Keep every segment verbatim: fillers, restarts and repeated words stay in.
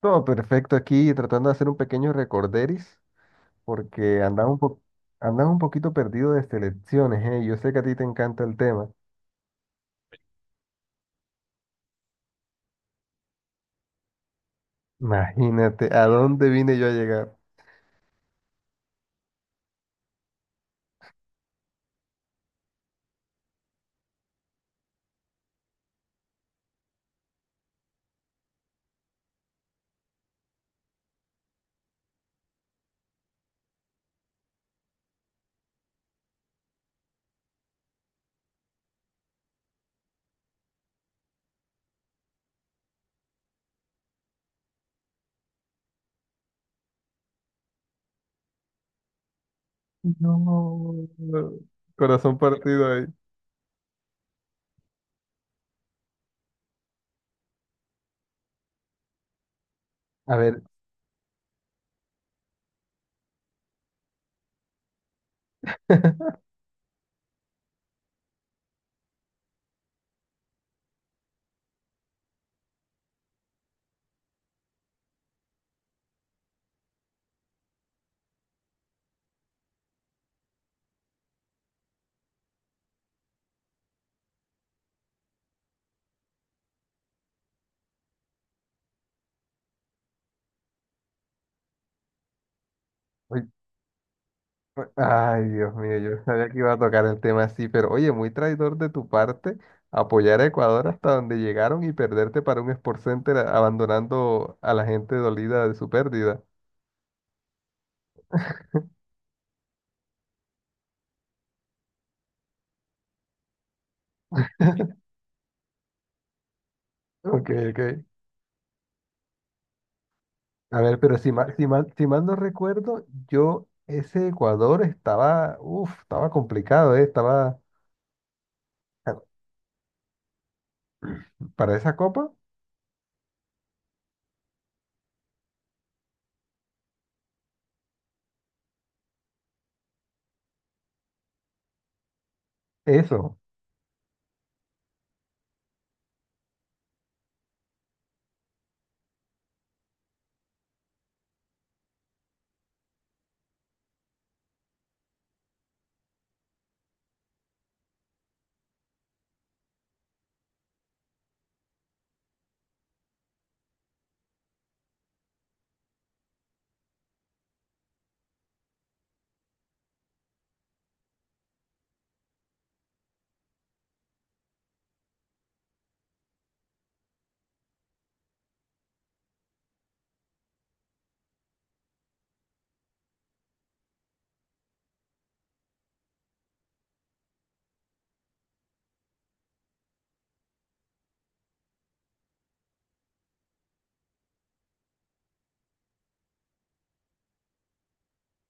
Todo perfecto aquí, tratando de hacer un pequeño recorderis, porque andaba un po- andaba un poquito perdido de selecciones, ¿eh? Yo sé que a ti te encanta el tema. Imagínate, ¿a dónde vine yo a llegar? No, corazón partido ahí. A ver. Uy, pues, ay, Dios mío, yo sabía que iba a tocar el tema así, pero oye, muy traidor de tu parte apoyar a Ecuador hasta donde llegaron y perderte para un Sport Center a- abandonando a la gente dolida de su pérdida. Ok, ok. A ver, pero si mal, si mal, si mal no recuerdo, yo ese Ecuador estaba, uf, estaba complicado, eh, estaba ah, para esa copa, eso.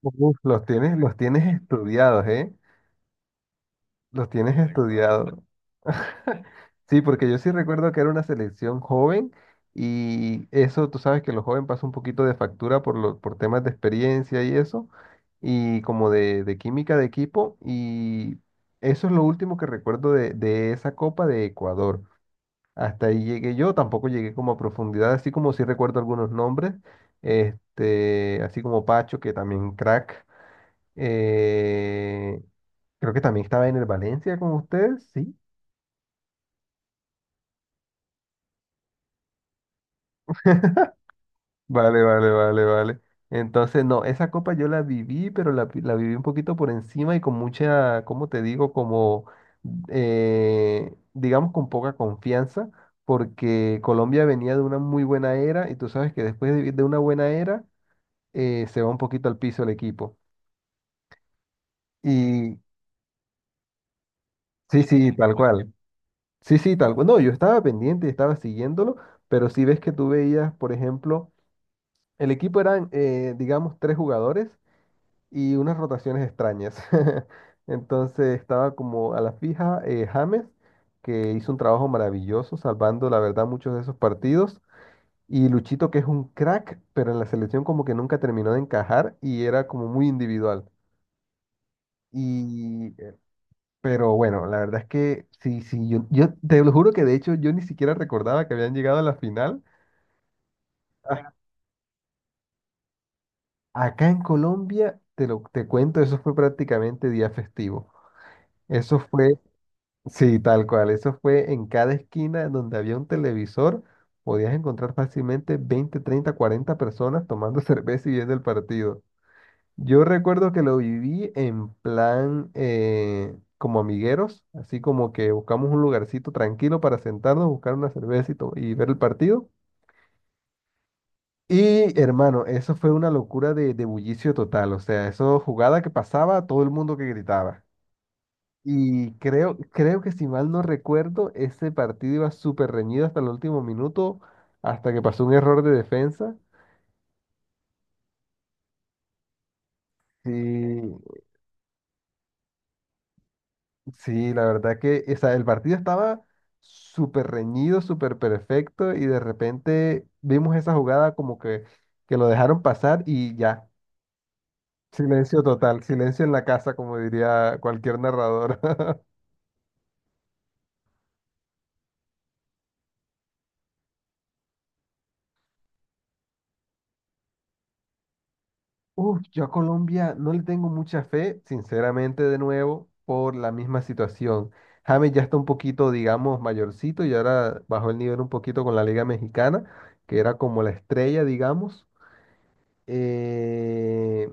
Uf, los tienes, los tienes estudiados, ¿eh? Los tienes estudiados. Sí, porque yo sí recuerdo que era una selección joven y eso, tú sabes que los jóvenes pasan un poquito de factura por, lo- por temas de experiencia y eso, y como de, de química de equipo, y eso es lo último que recuerdo de, de esa Copa de Ecuador. Hasta ahí llegué yo, tampoco llegué como a profundidad, así como sí recuerdo algunos nombres, este, así como Pacho, que también crack, eh, creo que también estaba en el Valencia con ustedes, sí. Vale, vale, vale, vale. Entonces, no, esa copa yo la viví, pero la, vi- la viví un poquito por encima y con mucha, ¿cómo te digo? Como, eh, digamos, con poca confianza, porque Colombia venía de una muy buena era y tú sabes que después de de una buena era, eh, se va un poquito al piso el equipo. Y sí, sí, tal cual. Sí, sí, tal cual. No, yo estaba pendiente y estaba siguiéndolo, pero si ves que tú veías, por ejemplo, el equipo eran, eh, digamos, tres jugadores y unas rotaciones extrañas. Entonces estaba como a la fija, eh, James, que hizo un trabajo maravilloso, salvando, la verdad, muchos de esos partidos. Y Luchito, que es un crack, pero en la selección como que nunca terminó de encajar y era como muy individual. Y Pero bueno, la verdad es que sí, sí, yo, yo te lo juro que de hecho yo ni siquiera recordaba que habían llegado a la final. Ah, acá en Colombia, te lo te cuento, eso fue prácticamente día festivo. Eso fue, sí, tal cual, eso fue en cada esquina donde había un televisor, podías encontrar fácilmente veinte treinta cuarenta personas tomando cerveza y viendo el partido. Yo recuerdo que lo viví en plan, eh, como amigueros, así como que buscamos un lugarcito tranquilo para sentarnos, buscar una cerveza y, to- y ver el partido. Y hermano, eso fue una locura de, de bullicio total, o sea, eso jugada que pasaba, todo el mundo que gritaba. Y creo, creo que si mal no recuerdo, ese partido iba súper reñido hasta el último minuto, hasta que pasó un error de defensa. Sí, sí, la verdad que, o sea, el partido estaba súper reñido, súper perfecto y de repente vimos esa jugada como que, que lo dejaron pasar y ya, silencio total, silencio en la casa, como diría cualquier narrador. Uf, yo a Colombia no le tengo mucha fe, sinceramente, de nuevo, por la misma situación. James ya está un poquito, digamos, mayorcito y ahora bajó el nivel un poquito con la Liga Mexicana, que era como la estrella, digamos. Eh,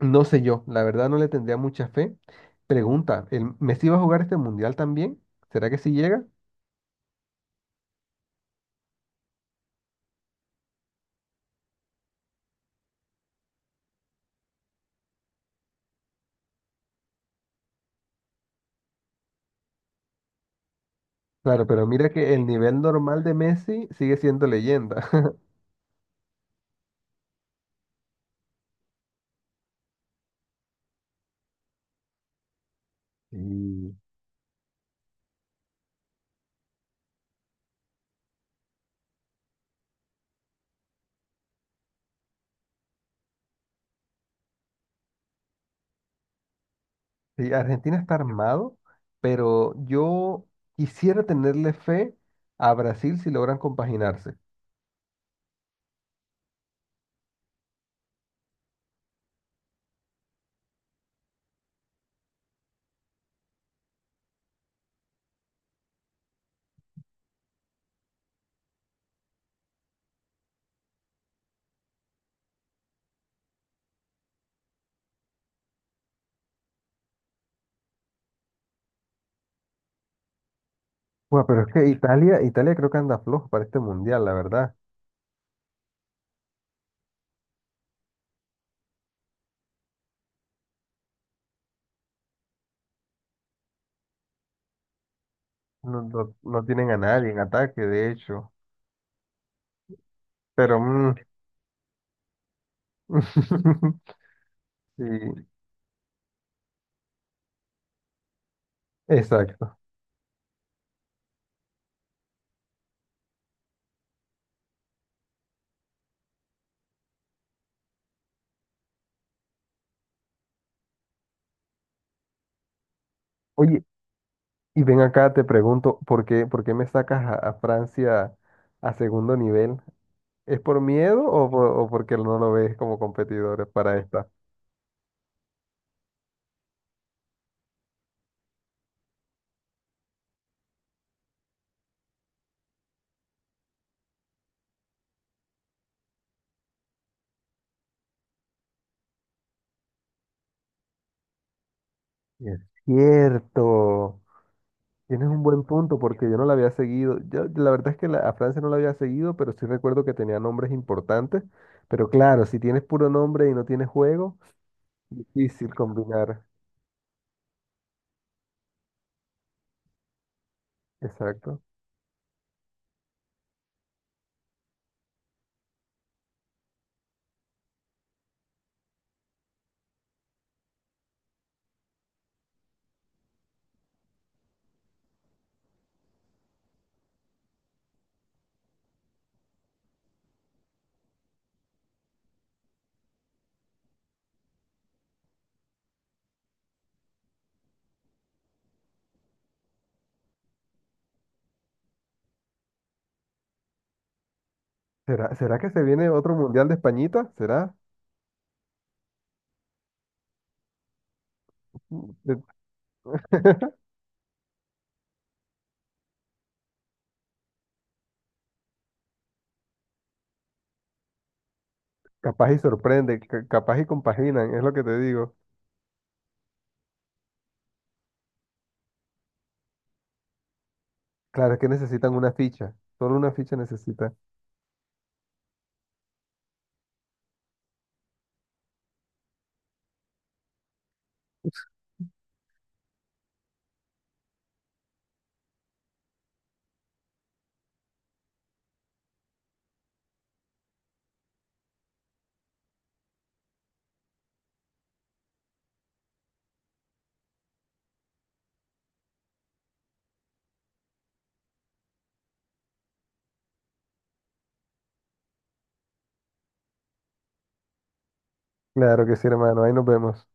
No sé yo, la verdad no le tendría mucha fe. Pregunta, ¿el Messi va a jugar este mundial también? ¿Será que sí llega? Claro, pero mira que el nivel normal de Messi sigue siendo leyenda. Y Sí, Argentina está armado, pero yo quisiera tenerle fe a Brasil si logran compaginarse. Bueno, pero es que Italia, Italia creo que anda flojo para este mundial, la verdad. No, no- no tienen a nadie en ataque, de hecho. Pero mm, sí, exacto. Oye, y ven acá, te pregunto, ¿por qué, por qué me sacas a, a Francia a segundo nivel? ¿Es por miedo o, por- o porque no lo ves como competidores para esta? Es cierto. Tienes un buen punto porque yo no la había seguido. Yo, la verdad es que la- a Francia no la había seguido, pero sí recuerdo que tenía nombres importantes. Pero claro, si tienes puro nombre y no tienes juego, difícil combinar. Exacto. ¿Será, será que se viene otro mundial de Españita? ¿Será? Capaz y sorprende, ca- capaz y compaginan, es lo que te digo. Claro, es que necesitan una ficha, solo una ficha necesita. Claro que sí, hermano, ahí nos vemos.